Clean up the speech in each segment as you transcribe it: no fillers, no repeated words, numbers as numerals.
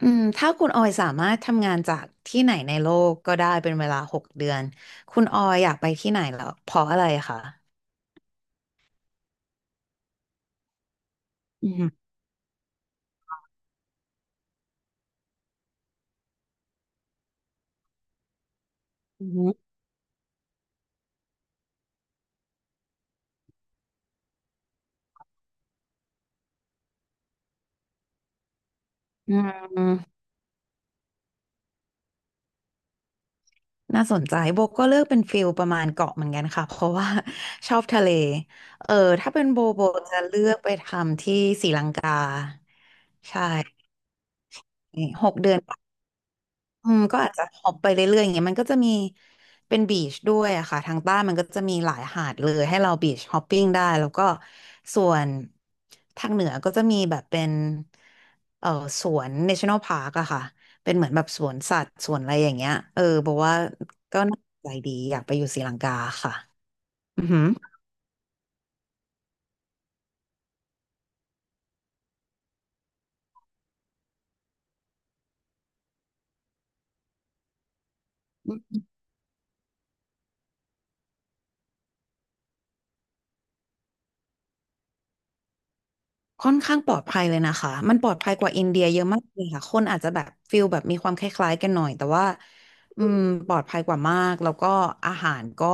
อืมถ้าคุณออยสามารถทำงานจากที่ไหนในโลกก็ได้เป็นเวลาหกเดือนคุณออยอยากไปที่ไหนเหรอเพราะอะไรคะอืมอืมน่าสนใจโบก็เลือกเป็นฟิลประมาณเกาะเหมือนกันค่ะเพราะว่า ชอบทะเลเออถ้าเป็นโบโบจะเลือกไปทำที่ศรีลังกาใช่หกเดือน อืมก็อาจจะฮอปไปเรื่อยๆอย่างเงี้ยมันก็จะมีเป็นบีชด้วยอะค่ะทางใต้มันก็จะมีหลายหาดเลยให้เราบีชฮอปปิ้งได้แล้วก็ส่วนทางเหนือก็จะมีแบบเป็นเอ่อสวน National Park อะค่ะเป็นเหมือนแบบสวนสัตว์สวนอะไรอย่างเงี้ยเออบอกว่าก็น่าสนใจดีอยากไปอยู่ศรีลังกาค่ะอือหือ ค่อนข้างปลอดภัยเลยนะคะ มันปลอดภัยกว่าอินเดียเยอะมากเลยค่ะคนอาจจะแบบฟิลแบบมีความคล้ายๆกันหน่อยแต่ว่าอืมปลอดภัยกว่ามาก แล้วก็อาหารก็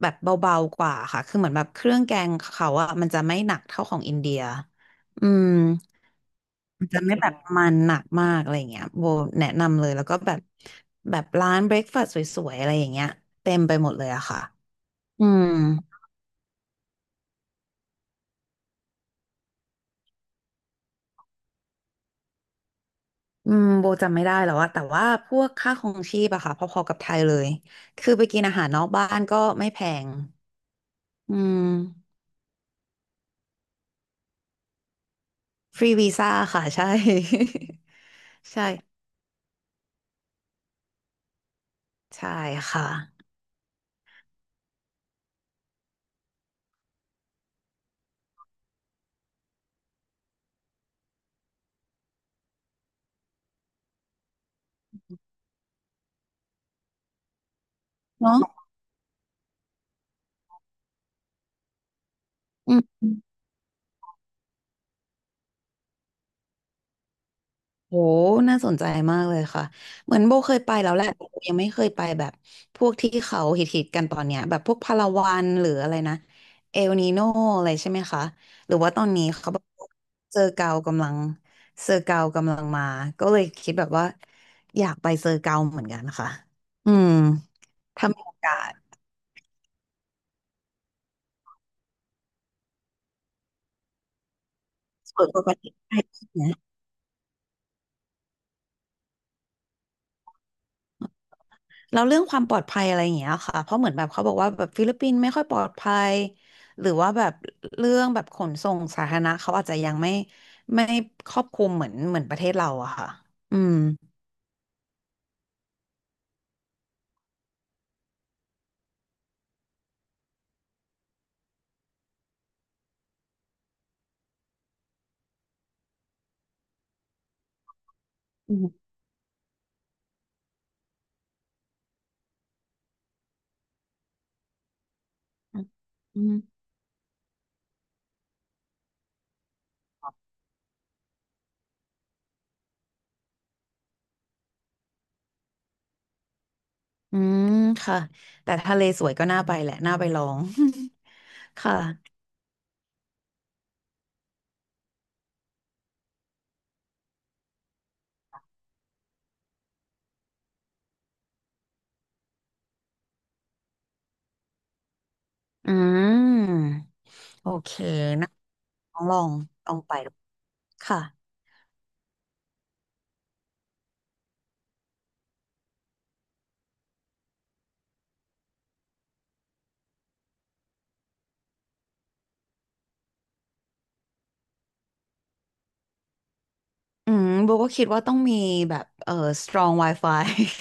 แบบเบาๆกว่าค่ะคือเหมือนแบบเครื่องแกงเขาอะมันจะไม่หนักเท่าของอินเดียอืมมันจะไม่แบบมันหนักมากอะไรอย่างเงี้ยโบแนะนำเลยแล้วก็แบบแบบร้านเบรคฟาสต์สวยๆอะไรอย่างเงี้ยเต็มไปหมดเลยอะค่ะอืม อืมโบจำไม่ได้แล้วอะแต่ว่าพวกค่าครองชีพอะค่ะพอๆกับไทยเลยคือไปกินอาหารนอกบ้านก็ไม่แพงอืมฟรีวีซ่าค่ะใช่ ใช่ใช่ค่ะเนาะอืม โหน่าสนใจมากเลยค่ะ เหมือนโบเคยไปแล้วแหละแต่โบยังไม่เคยไปแบบพวกที่เขาฮิตๆกันตอนเนี้ยแบบพวกพาราวันหรืออะไรนะเอลนีโนอะไรใช่ไหมคะหรือว่าตอนนี้เขาแบบเซอร์เกากำลังเซอร์เกากำลังมาก็เลยคิดแบบว่าอยากไปเซอร์เกาเหมือนกันค่ะอืมถ้ามีโอกาสเปิดก็ไป แล้วเรื่องความปลอดภัยอะไรอย่างเงี้ยค่ะเพราะเหมือนแบบเขาบอกว่าแบบฟิลิปปินส์ไม่ค่อยปลอดภัย หรือว่าแบบเรื่องแบบขนส่งสาธารณะเขาอาจจะยังไม่ครอบคลุมเหมือนประเทศเราอะค่ะอืมอืมอืมอืมค่ะแต่ทะเลสวยก็น่าไปแหละน่าไปลอง ค่ะอืมโอเคนะลองลองลองไปดูค่ะ อืมโบก็คิดว่าต้องมีแบบstrong wifi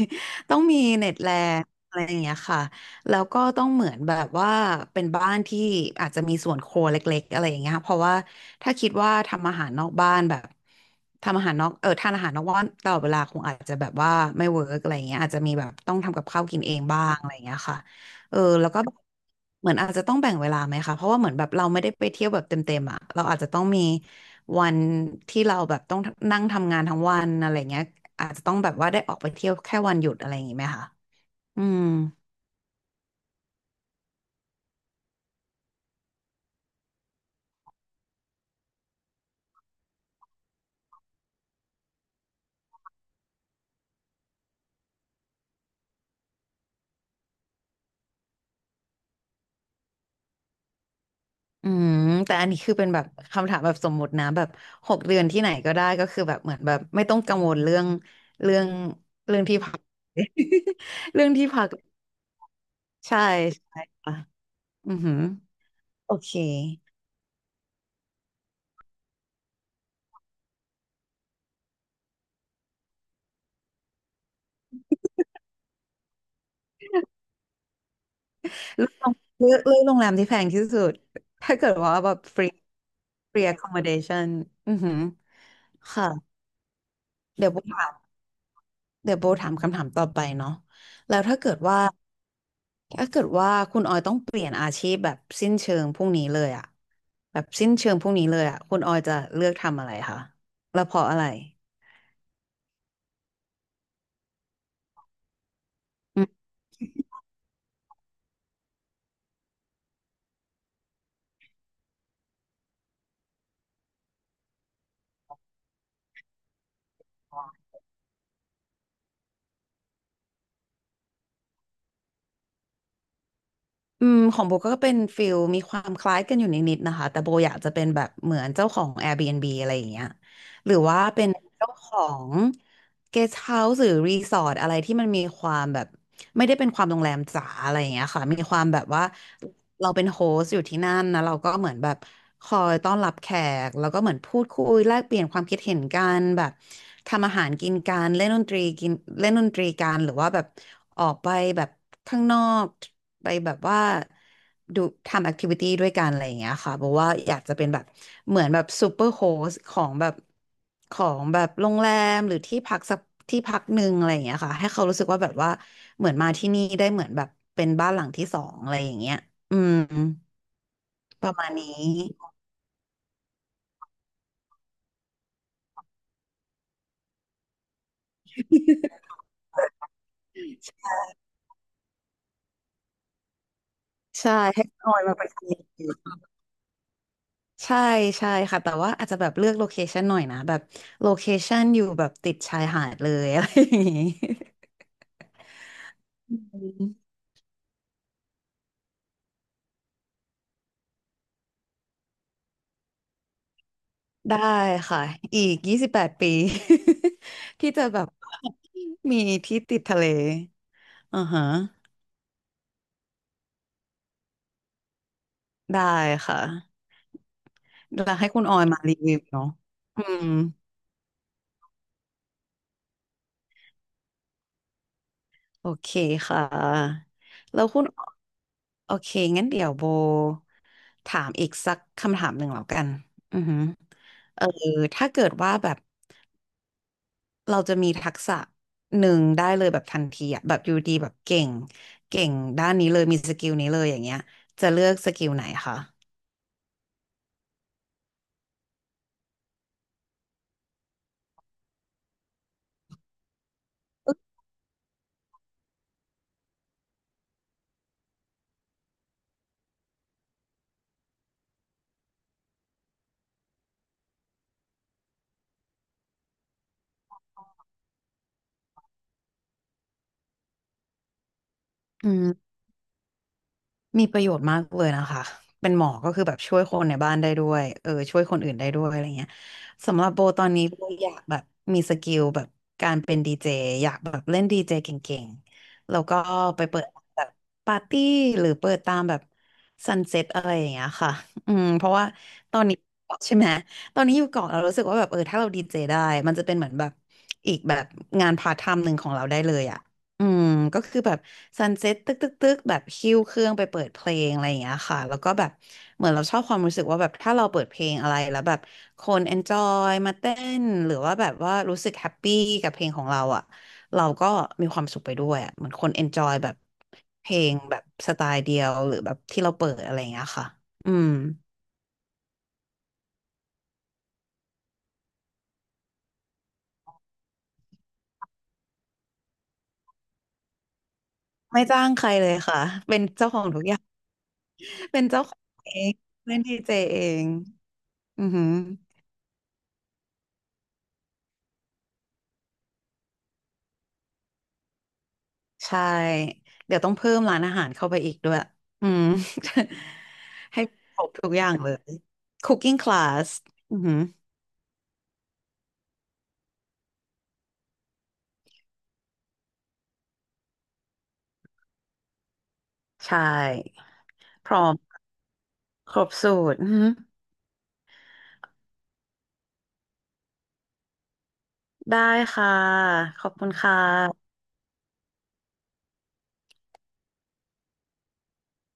ต้องมีเน็ตแรงอะไรอย่างเงี้ยค่ะแล้วก็ต้องเหมือนแบบว่าเป็นบ้านที่อาจจะมีส่วนครัวเล็กๆอะไรอย่างเงี้ยค่ะเพราะว่าถ้าคิดว่าทำอาหารนอกบ้านแบบทำอาหารนอกทานอาหารนอกบ้านตลอดเวลาคงอาจจะแบบว่าไม่เวิร์กอะไรอย่างเงี้ยอาจจะมีแบบต้องทำกับข้าวกินเองบ้างอะไรอย่างเงี้ยค่ะเออแล้วก็เหมือนอาจจะต้องแบ่งเวลาไหมคะเพราะว่าเหมือนแบบเราไม่ได้ไปเที่ยวแบบเต็มๆอ่ะเราอาจจะต้องมี วันที่เราแบบต้องนั่งทำงานทั้งวันอะไรเงี้ยอาจจะต้องแบบว่าได้ออกไปเที่ยวแค่วันหยุดอะไรอย่างงี้ไหมคะอืมอืมแต่อันนี้คือเป็นแบบคำถามแบบสมมุตินะแบบหกเดือนที่ไหนก็ได้ก็คือแบบเหมือนแบบไม่ต้องกังวลเรื่องเรื่องที่พัก เรื่องที่พักใช่ใช่ค่ะอือหือโอเคเลือกโรงแรมที่แพงที่สุดถ้าเกิดว่าแบบฟรี free accommodation อือหือค่ะเดี๋ยวบุมถาม เดี๋ยวโบถามคำถามต่อไปเนาะแล้วถ้าเกิดว่าคุณออยต้องเปลี่ยนอาชีพแบบสิ้นเชิงพรุ่งนี้เลยอะแบบสิ้นเชิงพรุ่งนี้เลยอะคุณออยจะเลือกทำอะไรคะแล้วเพราะอะไรอื อืมของโบก็เป็นฟิลมีความคล้ายกันอยู่นิดๆนะคะแต่โบอยากจะเป็นแบบเหมือนเจ้าของ Airbnb อะไรอย่างเงี้ยหรือว่าเป็นเจ้าของ guest house หรือรีสอร์ทอะไรที่มันมีความแบบไม่ได้เป็นความโรงแรมจ๋าอะไรอย่างเงี้ยค่ะมีความแบบว่าเราเป็นโฮสต์อยู่ที่นั่นนะเราก็เหมือนแบบคอยต้อนรับแขกแล้วก็เหมือนพูดคุยแลกเปลี่ยนความคิดเห็นกันแบบทำอาหารกินกันเล่นดนตรีกันหรือว่าแบบ ออกไปแบบข้างนอกไปแบบว่าดูทำแอคทิวิตี้ด้วยกันอะไรอย่างเงี้ยค่ะบอกว่าอยากจะเป็นแบบเหมือนแบบซูเปอร์โฮสของแบบของแบบโรงแรมหรือที่พักสักที่พักหนึ่งอะไรอย่างเงี้ยค่ะให้เขารู้สึกว่าแบบว่าเหมือนมาที่นี่ได้เหมือนแบบเป็นบ้านหลังที่สองอะไรอย่างเงี้ยอืมประมาณนี้ ใช่ให้ออยมาประชน ใช่ใช่ค่ะแต่ว่าอาจจะแบบเลือกโลเคชันหน่อยนะแบบโลเคชันอยู่แบบติดชายหาดเลย อะไรอย่างงี้อืมได้ค่ะอีก28ปี ที่จะแบบว่ามีที่ติดทะเลอือฮะได้ค่ะแล้วให้คุณออยมารีวิวเนาะอืมโอเคค่ะแล้วคุณโอเคงั้นเดี๋ยวโบถามอีกสักคำถามหนึ่งแล้วกันอือฮึเออถ้าเกิดว่าแบบ เราจะมีทักษะหนึ่งได้เลยแบบทันทีอะแบบอยู่ดีแบบเก่งด้านนี้เลยมีสกิลนี้เลยอย่างเงี้ยจะเลือกสกิลไหนคะอืม มีประโยชน์มากเลยนะคะเป็นหมอก็คือแบบช่วยคนในบ้านได้ด้วยช่วยคนอื่นได้ด้วยอะไรเงี้ยสำหรับโบตอนนี้โบอยากแบบมีสกิลแบบการเป็นดีเจอยากแบบเล่นดีเจเก่งๆแล้วก็ไปเปิดแบบปาร์ตี้หรือเปิดตามแบบซันเซ็ตอะไรอย่างเงี้ยค่ะอืมเพราะว่าตอนนี้เกาะใช่ไหมตอนนี้อยู่เกาะเรารู้สึกว่าแบบถ้าเราดีเจได้มันจะเป็นเหมือนแบบอีกแบบงานพาร์ทไทม์หนึ่งของเราได้เลยอะ อืมก็คือแบบซันเซ็ตตึกตึกตึกแบบคิวเครื่องไปเปิดเพลงอะไรอย่างเงี้ยค่ะแล้วก็แบบเหมือนเราชอบความรู้สึกว่าแบบถ้าเราเปิดเพลงอะไรแล้วแบบคนเอนจอยมาเต้นหรือว่าแบบว่ารู้สึกแฮปปี้กับเพลงของเราอ่ะเราก็มีความสุขไปด้วยอ่ะเหมือนคนเอนจอยแบบเพลงแบบสไตล์เดียวหรือแบบที่เราเปิดอะไรอย่างเงี้ยค่ะอืมไม่จ้างใครเลยค่ะเป็นเจ้าของทุกอย่างเป็นเจ้าของเองเป็นดีเจเองอือหือ ใช่เดี๋ยวต้องเพิ่มร้านอาหารเข้าไปอีกด้วยอืม ให้ครบทุกอย่างเลย Cooking Class อือหือใช่พร้อมครบสูตรอือหือได้ค่ะขอบคุณค่ะ